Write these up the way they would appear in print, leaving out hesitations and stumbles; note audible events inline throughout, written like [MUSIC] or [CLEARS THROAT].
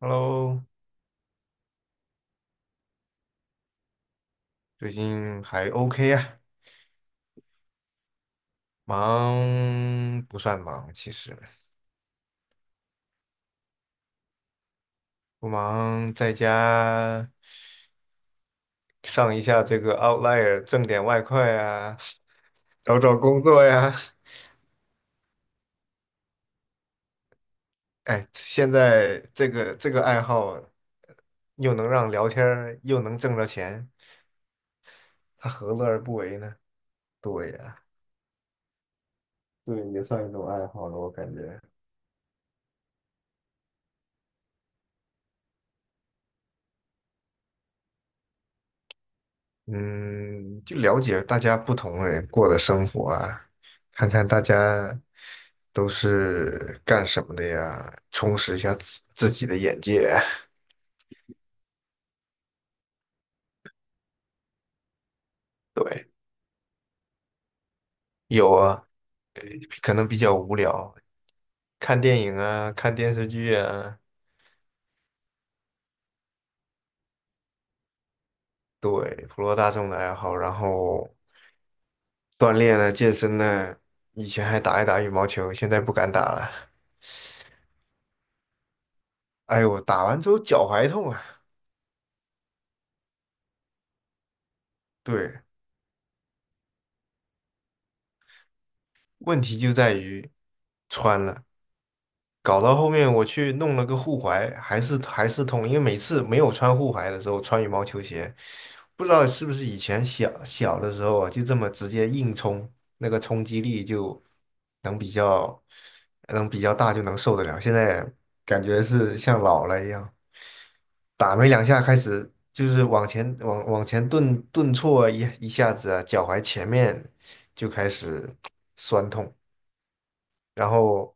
Hello，最近还 OK 啊，忙不算忙，其实不忙，在家上一下这个 Outlier，挣点外快啊，找找工作呀。哎，现在这个爱好又能让聊天儿又能挣着钱，他何乐而不为呢？对呀，对，也算一种爱好了，我感觉。嗯，就了解大家不同人过的生活啊，看看大家都是干什么的呀，充实一下自己的眼界啊。[LAUGHS] 对，有啊，呃可能比较无聊，看电影啊，看电视剧啊，对，普罗大众的爱好，然后锻炼啊，健身呢，以前还打一打羽毛球，现在不敢打了。哎呦，打完之后脚踝痛啊。对，问题就在于穿了。搞到后面我去弄了个护踝，还是痛，因为每次没有穿护踝的时候穿羽毛球鞋，不知道是不是以前小小的时候啊，就这么直接硬冲，那个冲击力就能比较能比较大，就能受得了。现在感觉是像老了一样，打没两下开始就是往前顿挫一下子啊，脚踝前面就开始酸痛，然后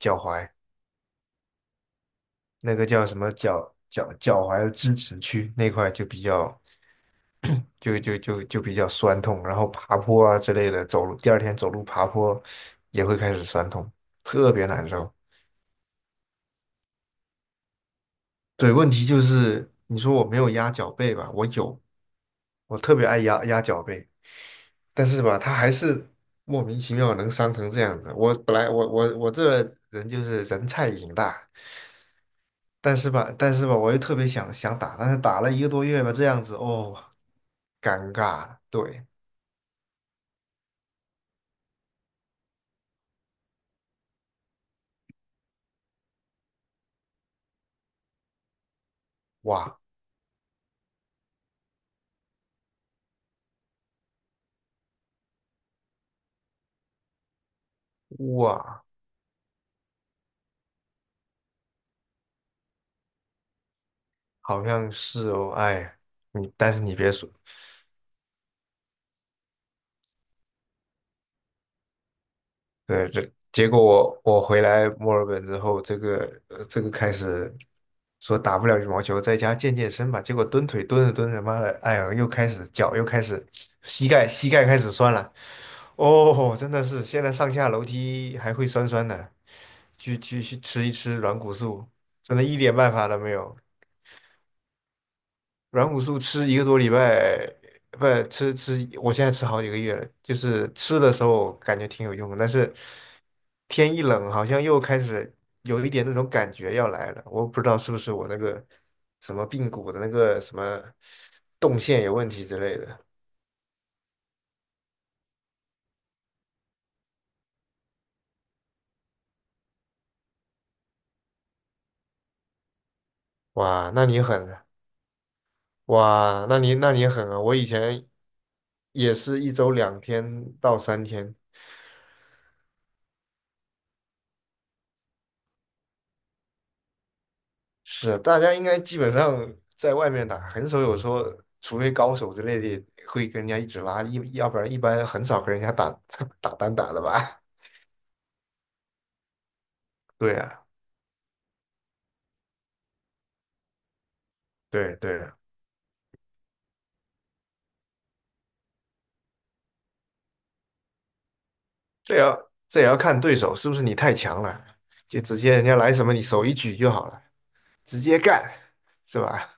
脚踝。那个叫什么脚踝的支持区那块就比较就就就就比较酸痛，然后爬坡啊之类的，走路第二天走路爬坡也会开始酸痛，特别难受。对，问题就是你说我没有压脚背吧，我有，我特别爱压压脚背，但是吧，它还是莫名其妙能伤成这样子。我本来我这人就是人菜瘾大，但是吧我又特别想打，但是打了一个多月吧，这样子哦，尴尬，对，哇哇，好像是哦，哎，你但是你别说，对，这结果我回来墨尔本之后，这个开始说打不了羽毛球，在家健健身吧。结果蹲腿蹲着蹲着，妈的，哎呀，又开始脚又开始膝盖开始酸了。哦，真的是现在上下楼梯还会酸酸的，去吃一吃软骨素，真的一点办法都没有。软骨素吃一个多礼拜，不吃吃，我现在吃好几个月了。就是吃的时候感觉挺有用的，但是天一冷，好像又开始有一点那种感觉要来了。我不知道是不是我那个什么髌骨的那个什么动线有问题之类的。哇，那你狠啊哇,那你狠啊!我以前也是一周两天到三天。是，大家应该基本上在外面打，很少有说，除非高手之类的会跟人家一直拉，一要不然一般很少跟人家打 [LAUGHS] 打单打的吧？[LAUGHS] 对啊，对对啊，这也要看对手是不是你太强了，就直接人家来什么你手一举就好了，直接干，是吧？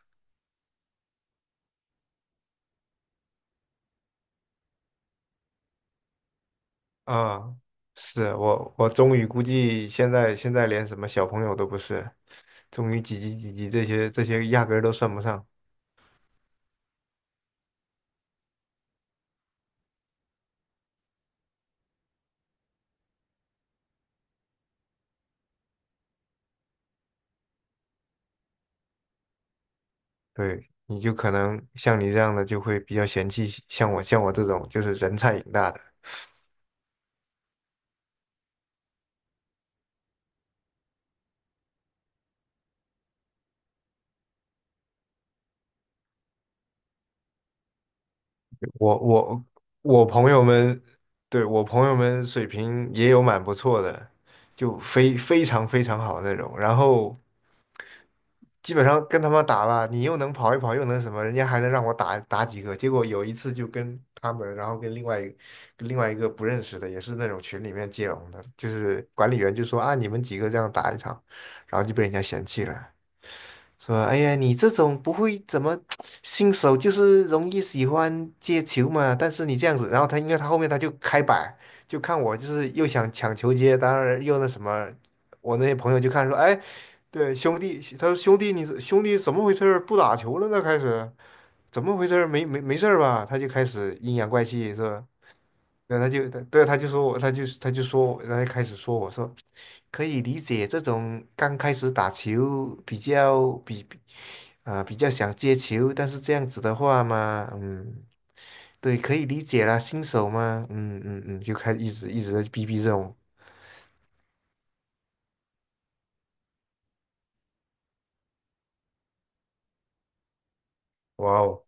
啊、是我终于估计现在连什么小朋友都不是，终于几级几级这些压根儿都算不上。对，你就可能像你这样的就会比较嫌弃，像我这种就是人菜瘾大的，我我我朋友们，对，我朋友们水平也有蛮不错的，就非常好那种，然后基本上跟他们打吧，你又能跑一跑，又能什么，人家还能让我打打几个，结果有一次就跟他们，然后跟另外一个不认识的，也是那种群里面接龙的，就是管理员就说啊，你们几个这样打一场，然后就被人家嫌弃了。说，哎呀，你这种不会怎么新手，就是容易喜欢接球嘛。但是你这样子，然后他因为他后面他就开摆，就看我就是又想抢球接，当然又那什么，我那些朋友就看说，哎，对兄弟，他说兄弟你兄弟怎么回事儿？不打球了呢？开始怎么回事儿？没事儿吧？他就开始阴阳怪气是吧？对，他就说我，他就说我，他就开始说我说可以理解这种刚开始打球比较比。啊，比较想接球，但是这样子的话嘛，嗯，对，可以理解啦，新手嘛，嗯嗯嗯，就开始一直在逼逼这种，哇哦，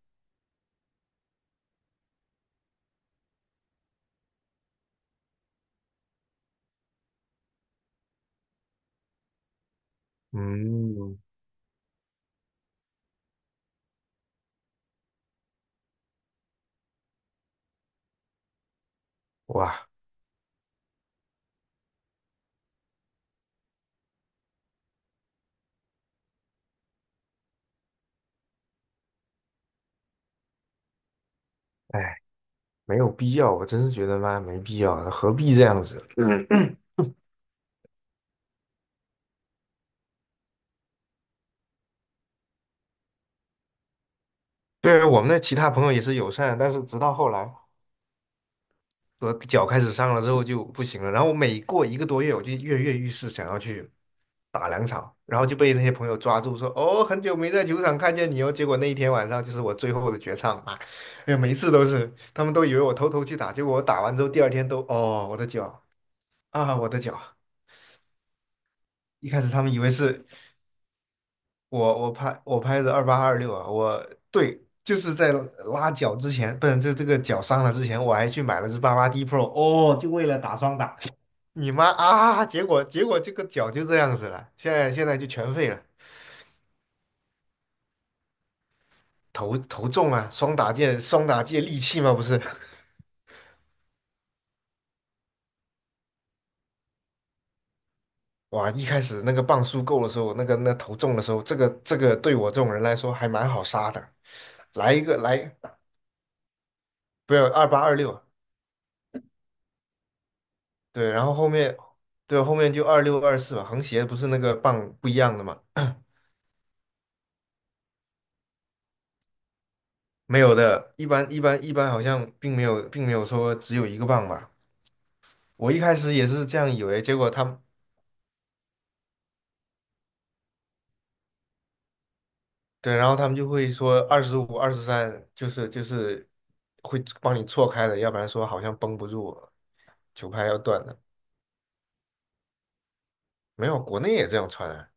嗯，哇，哎，没有必要，我真是觉得嘛，没必要，何必这样子？嗯，对，我们的其他朋友也是友善，但是直到后来我脚开始伤了之后就不行了，然后我每过一个多月，我就跃跃欲试，想要去。打两场，然后就被那些朋友抓住说，哦，很久没在球场看见你哦。结果那一天晚上就是我最后的绝唱啊，哎呀，每一次都是，他们都以为我偷偷去打，结果我打完之后第二天都，哦，我的脚啊，我的脚。一开始他们以为是我拍的二八二六啊，我对，就是在拉脚之前，不是这个脚伤了之前，我还去买了只八八 D Pro,哦，就为了打双打。[LAUGHS] 你妈啊！结果这个脚就这样子了，现在就全废了。投中啊，双打界利器嘛，不是？[LAUGHS] 哇，一开始那个磅数够的时候，那投中的时候，这个对我这种人来说还蛮好杀的，来一个来，不要二八二六，28 26对，然后后面对后面就二六二四吧，横斜不是那个磅不一样的嘛，[COUGHS] 没有的，一般好像并没有说只有一个磅吧，我一开始也是这样以为，结果他对，然后他们就会说25、23，就是会帮你错开的，要不然说好像绷不住了球拍要断了。没有，国内也这样穿啊，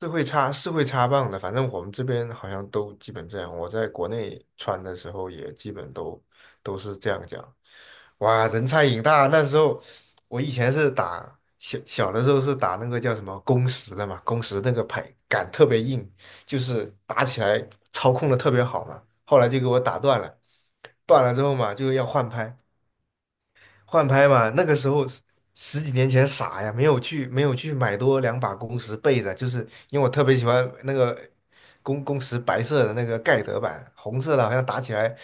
是会插棒的，反正我们这边好像都基本这样。我在国内穿的时候也基本都是这样讲。哇，人菜瘾大！那时候我以前是打小小的时候是打那个叫什么工时的嘛，工时那个牌杆特别硬，就是打起来操控的特别好嘛。后来就给我打断了，断了之后嘛就要换拍，换拍嘛，那个时候十几年前傻呀，没有去买多两把公时备着，就是因为我特别喜欢那个公时白色的那个盖德版，红色的好像打起来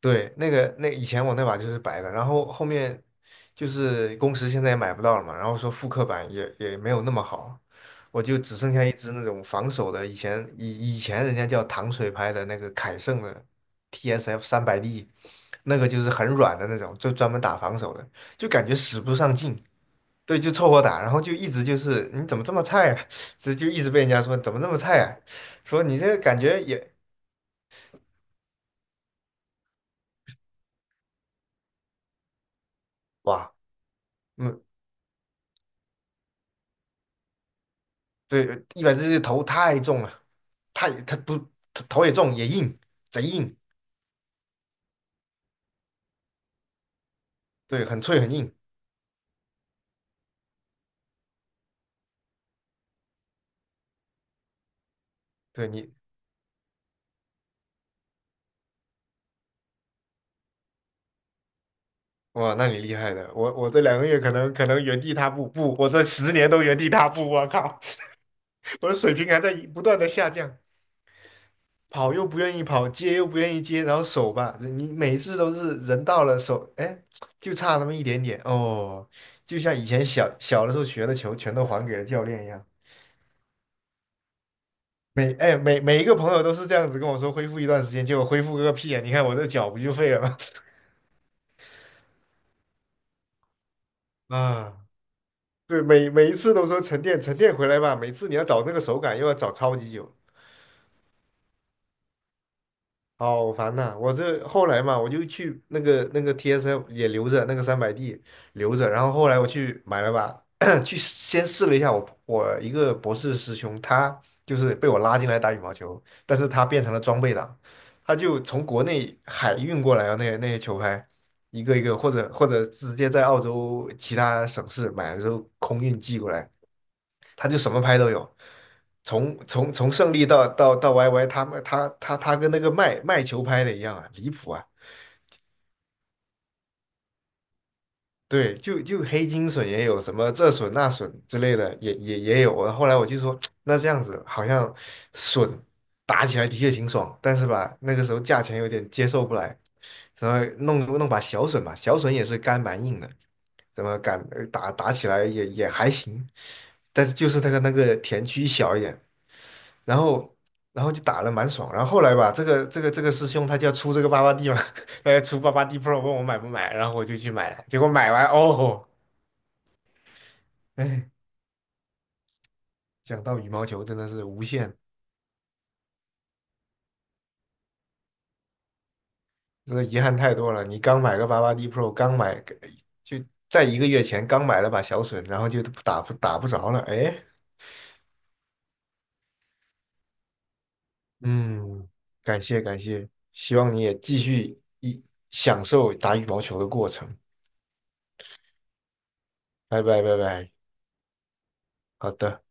对，那以前我那把就是白的，然后后面就是工时现在也买不到了嘛，然后说复刻版也没有那么好，我就只剩下一只那种防守的，以前人家叫糖水拍的那个凯盛的 TSF 三百 D,那个就是很软的那种，就专门打防守的，就感觉使不上劲，对，就凑合打，然后就一直就是你怎么这么菜啊，[LAUGHS] 所以就一直被人家说怎么这么菜啊，说你这个感觉也哇。嗯。对，一百只头太重了，太他不头也重也硬，贼硬，对，很脆很硬。对你，哇，那你厉害的。我这两个月可能原地踏步，不，我这10年都原地踏步。我靠，[LAUGHS] 我的水平还在不断的下降，跑又不愿意跑，接又不愿意接，然后手吧，你每次都是人到了手，哎，就差那么一点点哦，就像以前小小的时候学的球全都还给了教练一样。每哎每每一个朋友都是这样子跟我说恢复一段时间，结果恢复个屁啊！你看我这脚不就废了吗？[LAUGHS] 啊，对，每一次都说沉淀沉淀回来吧，每次你要找那个手感又要找超级久。好烦呐、我这后来嘛，我就去那个 TSL 也留着，那个三百 D 留着，然后后来我去买了把，[COUGHS] [CLEARS THROAT] 去先试了一下我一个博士师兄，他就是被我拉进来打羽毛球，但是他变成了装备党，他就从国内海运过来的那些球拍，一个一个或者直接在澳洲其他省市买了之后空运寄过来，他就什么拍都有，从胜利到 YY,他们他他他跟那个卖球拍的一样啊，离谱啊！对，就黑金笋也有什么这笋那笋之类的，也有啊。我后来我就说，[TSK] 那这样子好像笋打起来的确挺爽，但是吧，那个时候价钱有点接受不来，然后弄弄把小笋吧，小笋也是干蛮硬的，怎么敢打起来也还行，但是就是那个田区小一点。然后然后就打了蛮爽。然后后来吧，这个师兄他就要出这个八八 D 嘛，[LAUGHS] 他要出八八 D Pro,问我买不买，然后我就去买了结果买完哦，哎，讲到羽毛球真的是无限，真的遗憾太多了。你刚买个八八 D Pro,刚买个就在一个月前刚买了把小隼，然后就打不着了。哎，嗯，感谢感谢，希望你也继续享受打羽毛球的过程。拜拜拜拜，好的。